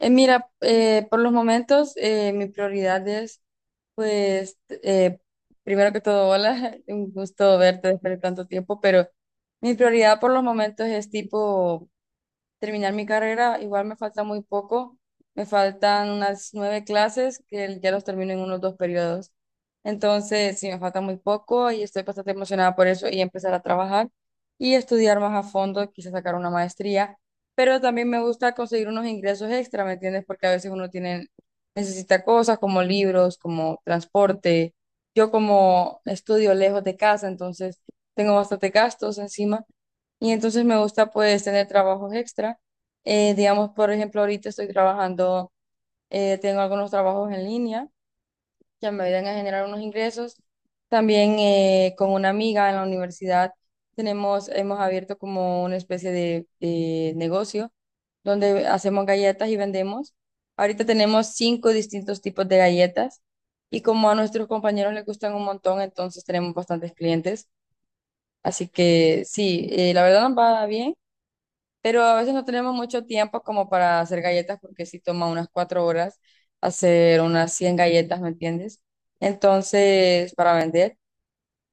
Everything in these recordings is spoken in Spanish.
Eh, Mira, por los momentos mi prioridad es, pues, primero que todo, hola, un gusto verte después de tanto tiempo, pero mi prioridad por los momentos es tipo terminar mi carrera. Igual me falta muy poco, me faltan unas nueve clases que ya los termino en unos 2 periodos. Entonces, sí, me falta muy poco y estoy bastante emocionada por eso y empezar a trabajar y estudiar más a fondo, quizás sacar una maestría, pero también me gusta conseguir unos ingresos extra, ¿me entiendes? Porque a veces uno tiene, necesita cosas como libros, como transporte. Yo como estudio lejos de casa, entonces tengo bastante gastos encima y entonces me gusta pues tener trabajos extra. Digamos, por ejemplo, ahorita estoy trabajando, tengo algunos trabajos en línea que me ayudan a generar unos ingresos. También con una amiga en la universidad tenemos, hemos abierto como una especie de negocio donde hacemos galletas y vendemos. Ahorita tenemos cinco distintos tipos de galletas y como a nuestros compañeros les gustan un montón, entonces tenemos bastantes clientes. Así que sí, la verdad nos va bien, pero a veces no tenemos mucho tiempo como para hacer galletas porque sí toma unas 4 horas hacer unas 100 galletas, ¿me entiendes? Entonces, para vender,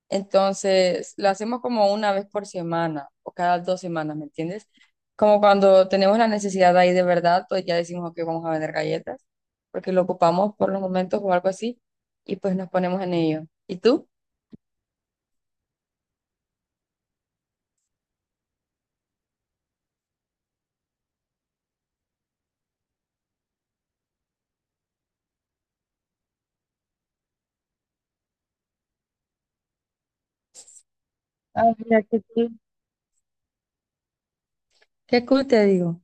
entonces la hacemos como una vez por semana o cada 2 semanas, ¿me entiendes? Como cuando tenemos la necesidad ahí de verdad, pues ya decimos que vamos a vender galletas porque lo ocupamos por los momentos o algo así y pues nos ponemos en ello. ¿Y tú? Ah, mira, qué cool. Qué cool te digo.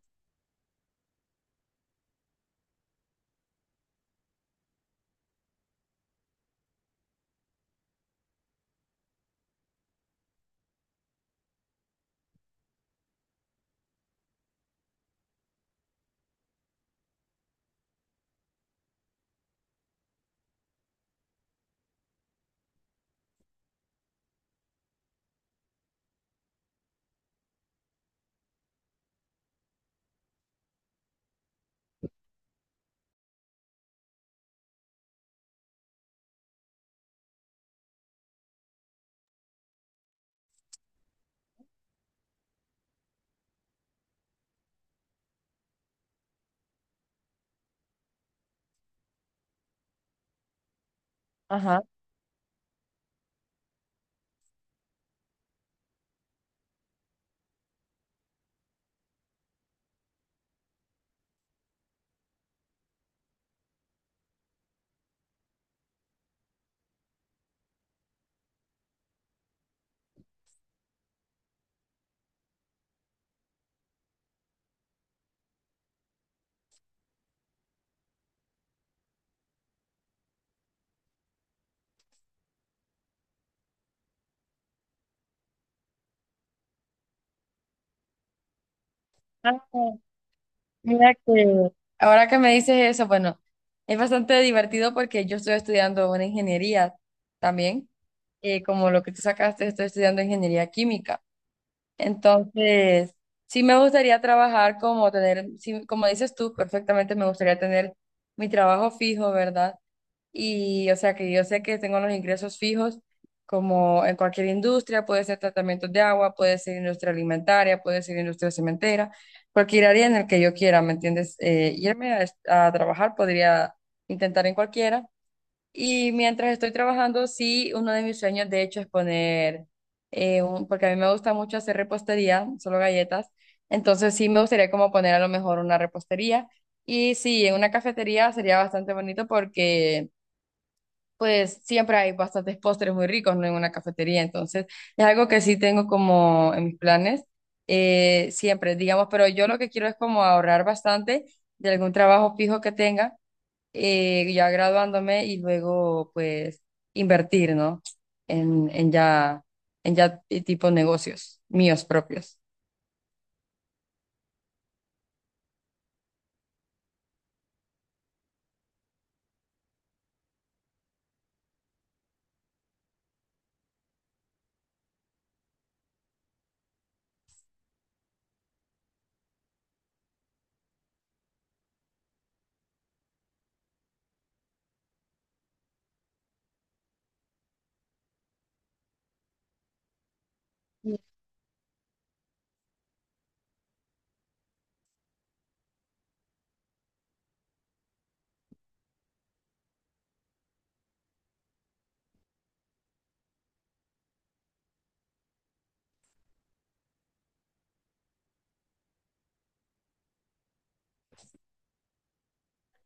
Ajá. Ah. Mira que ahora que me dices eso, bueno, es bastante divertido porque yo estoy estudiando una ingeniería también, como lo que tú sacaste, estoy estudiando ingeniería química. Entonces, sí me gustaría trabajar como tener, sí, como dices tú, perfectamente me gustaría tener mi trabajo fijo, ¿verdad? Y o sea que yo sé que tengo los ingresos fijos como en cualquier industria, puede ser tratamientos de agua, puede ser industria alimentaria, puede ser industria cementera, cualquier área en el que yo quiera, ¿me entiendes? Irme a, a trabajar podría intentar en cualquiera. Y mientras estoy trabajando, sí, uno de mis sueños de hecho es poner, porque a mí me gusta mucho hacer repostería, solo galletas, entonces sí me gustaría como poner a lo mejor una repostería. Y sí, en una cafetería sería bastante bonito porque pues siempre hay bastantes postres muy ricos, ¿no? En una cafetería, entonces es algo que sí tengo como en mis planes, siempre, digamos, pero yo lo que quiero es como ahorrar bastante de algún trabajo fijo que tenga, ya graduándome y luego pues invertir, ¿no? En, en ya, en ya, tipo negocios míos propios.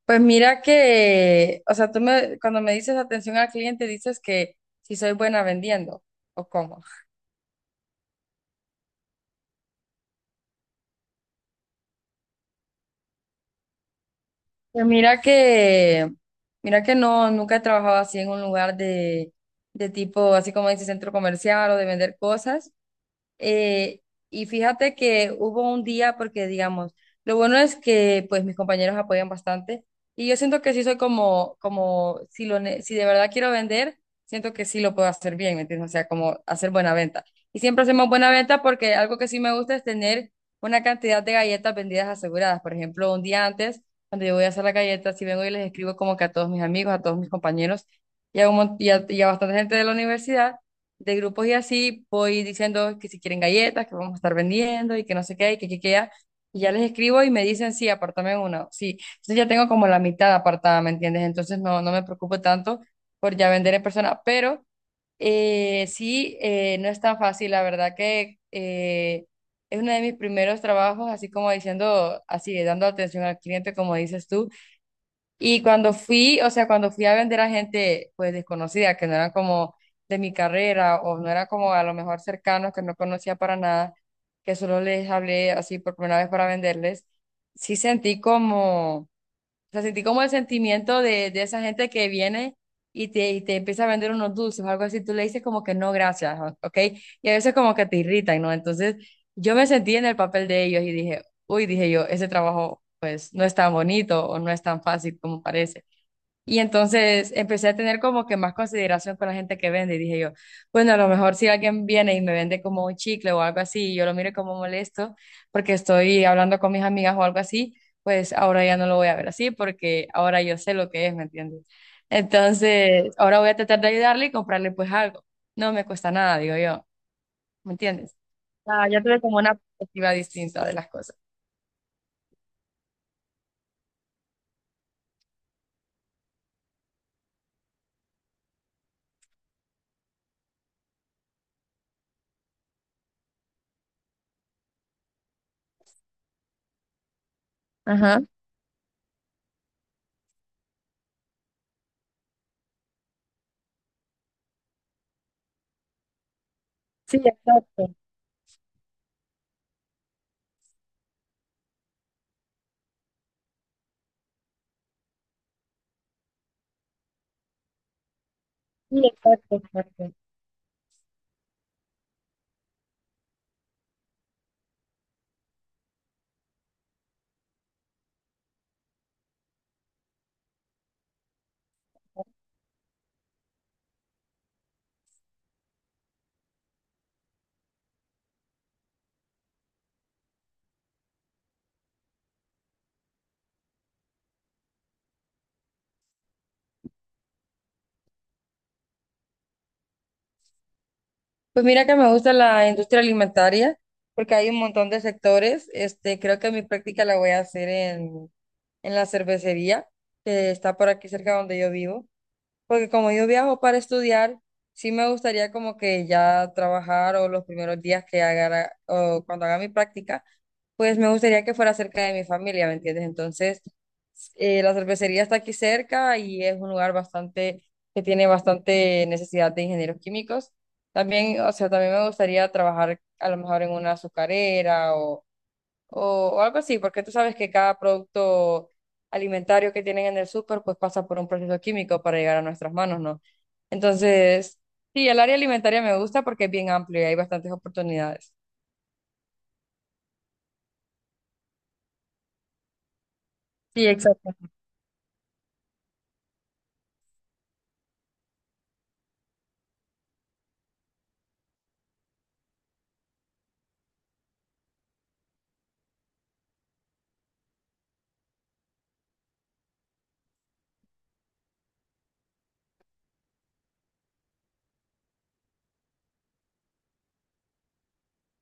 Pues mira que, o sea, cuando me dices atención al cliente, dices que si soy buena vendiendo, ¿o cómo? Pues mira que no, nunca he trabajado así en un lugar de tipo, así como dice, centro comercial o de vender cosas. Eh, y fíjate que hubo un día, porque digamos, lo bueno es que pues mis compañeros apoyan bastante y yo siento que sí soy como si de verdad quiero vender, siento que sí lo puedo hacer bien, ¿me entiendes? O sea, como hacer buena venta. Y siempre hacemos buena venta porque algo que sí me gusta es tener una cantidad de galletas vendidas aseguradas. Por ejemplo, un día antes, cuando yo voy a hacer las galletas, si vengo y les escribo como que a todos mis amigos, a todos mis compañeros y a, un mon- y a bastante gente de la universidad de grupos y así voy diciendo que si quieren galletas, que vamos a estar vendiendo y que no sé qué, y que ya. Y ya les escribo y me dicen, sí, apartame uno, sí. Entonces ya tengo como la mitad apartada, ¿me entiendes? Entonces no, no me preocupo tanto por ya vender en persona, pero sí, no es tan fácil, la verdad que es uno de mis primeros trabajos, así como diciendo, así, dando atención al cliente, como dices tú. Y cuando fui, o sea, cuando fui a vender a gente pues desconocida, que no eran como de mi carrera o no eran como a lo mejor cercanos, que no conocía para nada, que solo les hablé así por primera vez para venderles, sí sentí como, o sea, sentí como el sentimiento de esa gente que viene y te empieza a vender unos dulces o algo así. Tú le dices como que no, gracias, ¿ok? Y a veces como que te irritan, ¿no? Entonces yo me sentí en el papel de ellos y dije, uy, dije yo, ese trabajo pues no es tan bonito o no es tan fácil como parece. Y entonces empecé a tener como que más consideración con la gente que vende y dije yo, bueno, a lo mejor si alguien viene y me vende como un chicle o algo así y yo lo miro como molesto porque estoy hablando con mis amigas o algo así, pues ahora ya no lo voy a ver así porque ahora yo sé lo que es, ¿me entiendes? Entonces, ahora voy a tratar de ayudarle y comprarle pues algo. No me cuesta nada, digo yo, ¿me entiendes? Ah, ya tuve como una perspectiva distinta de las cosas. Ajá. Sí, exacto. Sí, exacto, exacto. Pues mira que me gusta la industria alimentaria porque hay un montón de sectores. Creo que mi práctica la voy a hacer en la cervecería que está por aquí cerca donde yo vivo. Porque como yo viajo para estudiar, sí me gustaría como que ya trabajar o los primeros días que haga, o cuando haga mi práctica, pues me gustaría que fuera cerca de mi familia, ¿me entiendes? Entonces, la cervecería está aquí cerca y es un lugar bastante, que tiene bastante necesidad de ingenieros químicos. También, o sea, también me gustaría trabajar a lo mejor en una azucarera o algo así, porque tú sabes que cada producto alimentario que tienen en el súper, pues pasa por un proceso químico para llegar a nuestras manos, ¿no? Entonces, sí, el área alimentaria me gusta porque es bien amplio y hay bastantes oportunidades. Sí, exacto.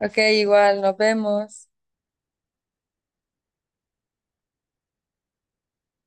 Ok, igual, nos vemos.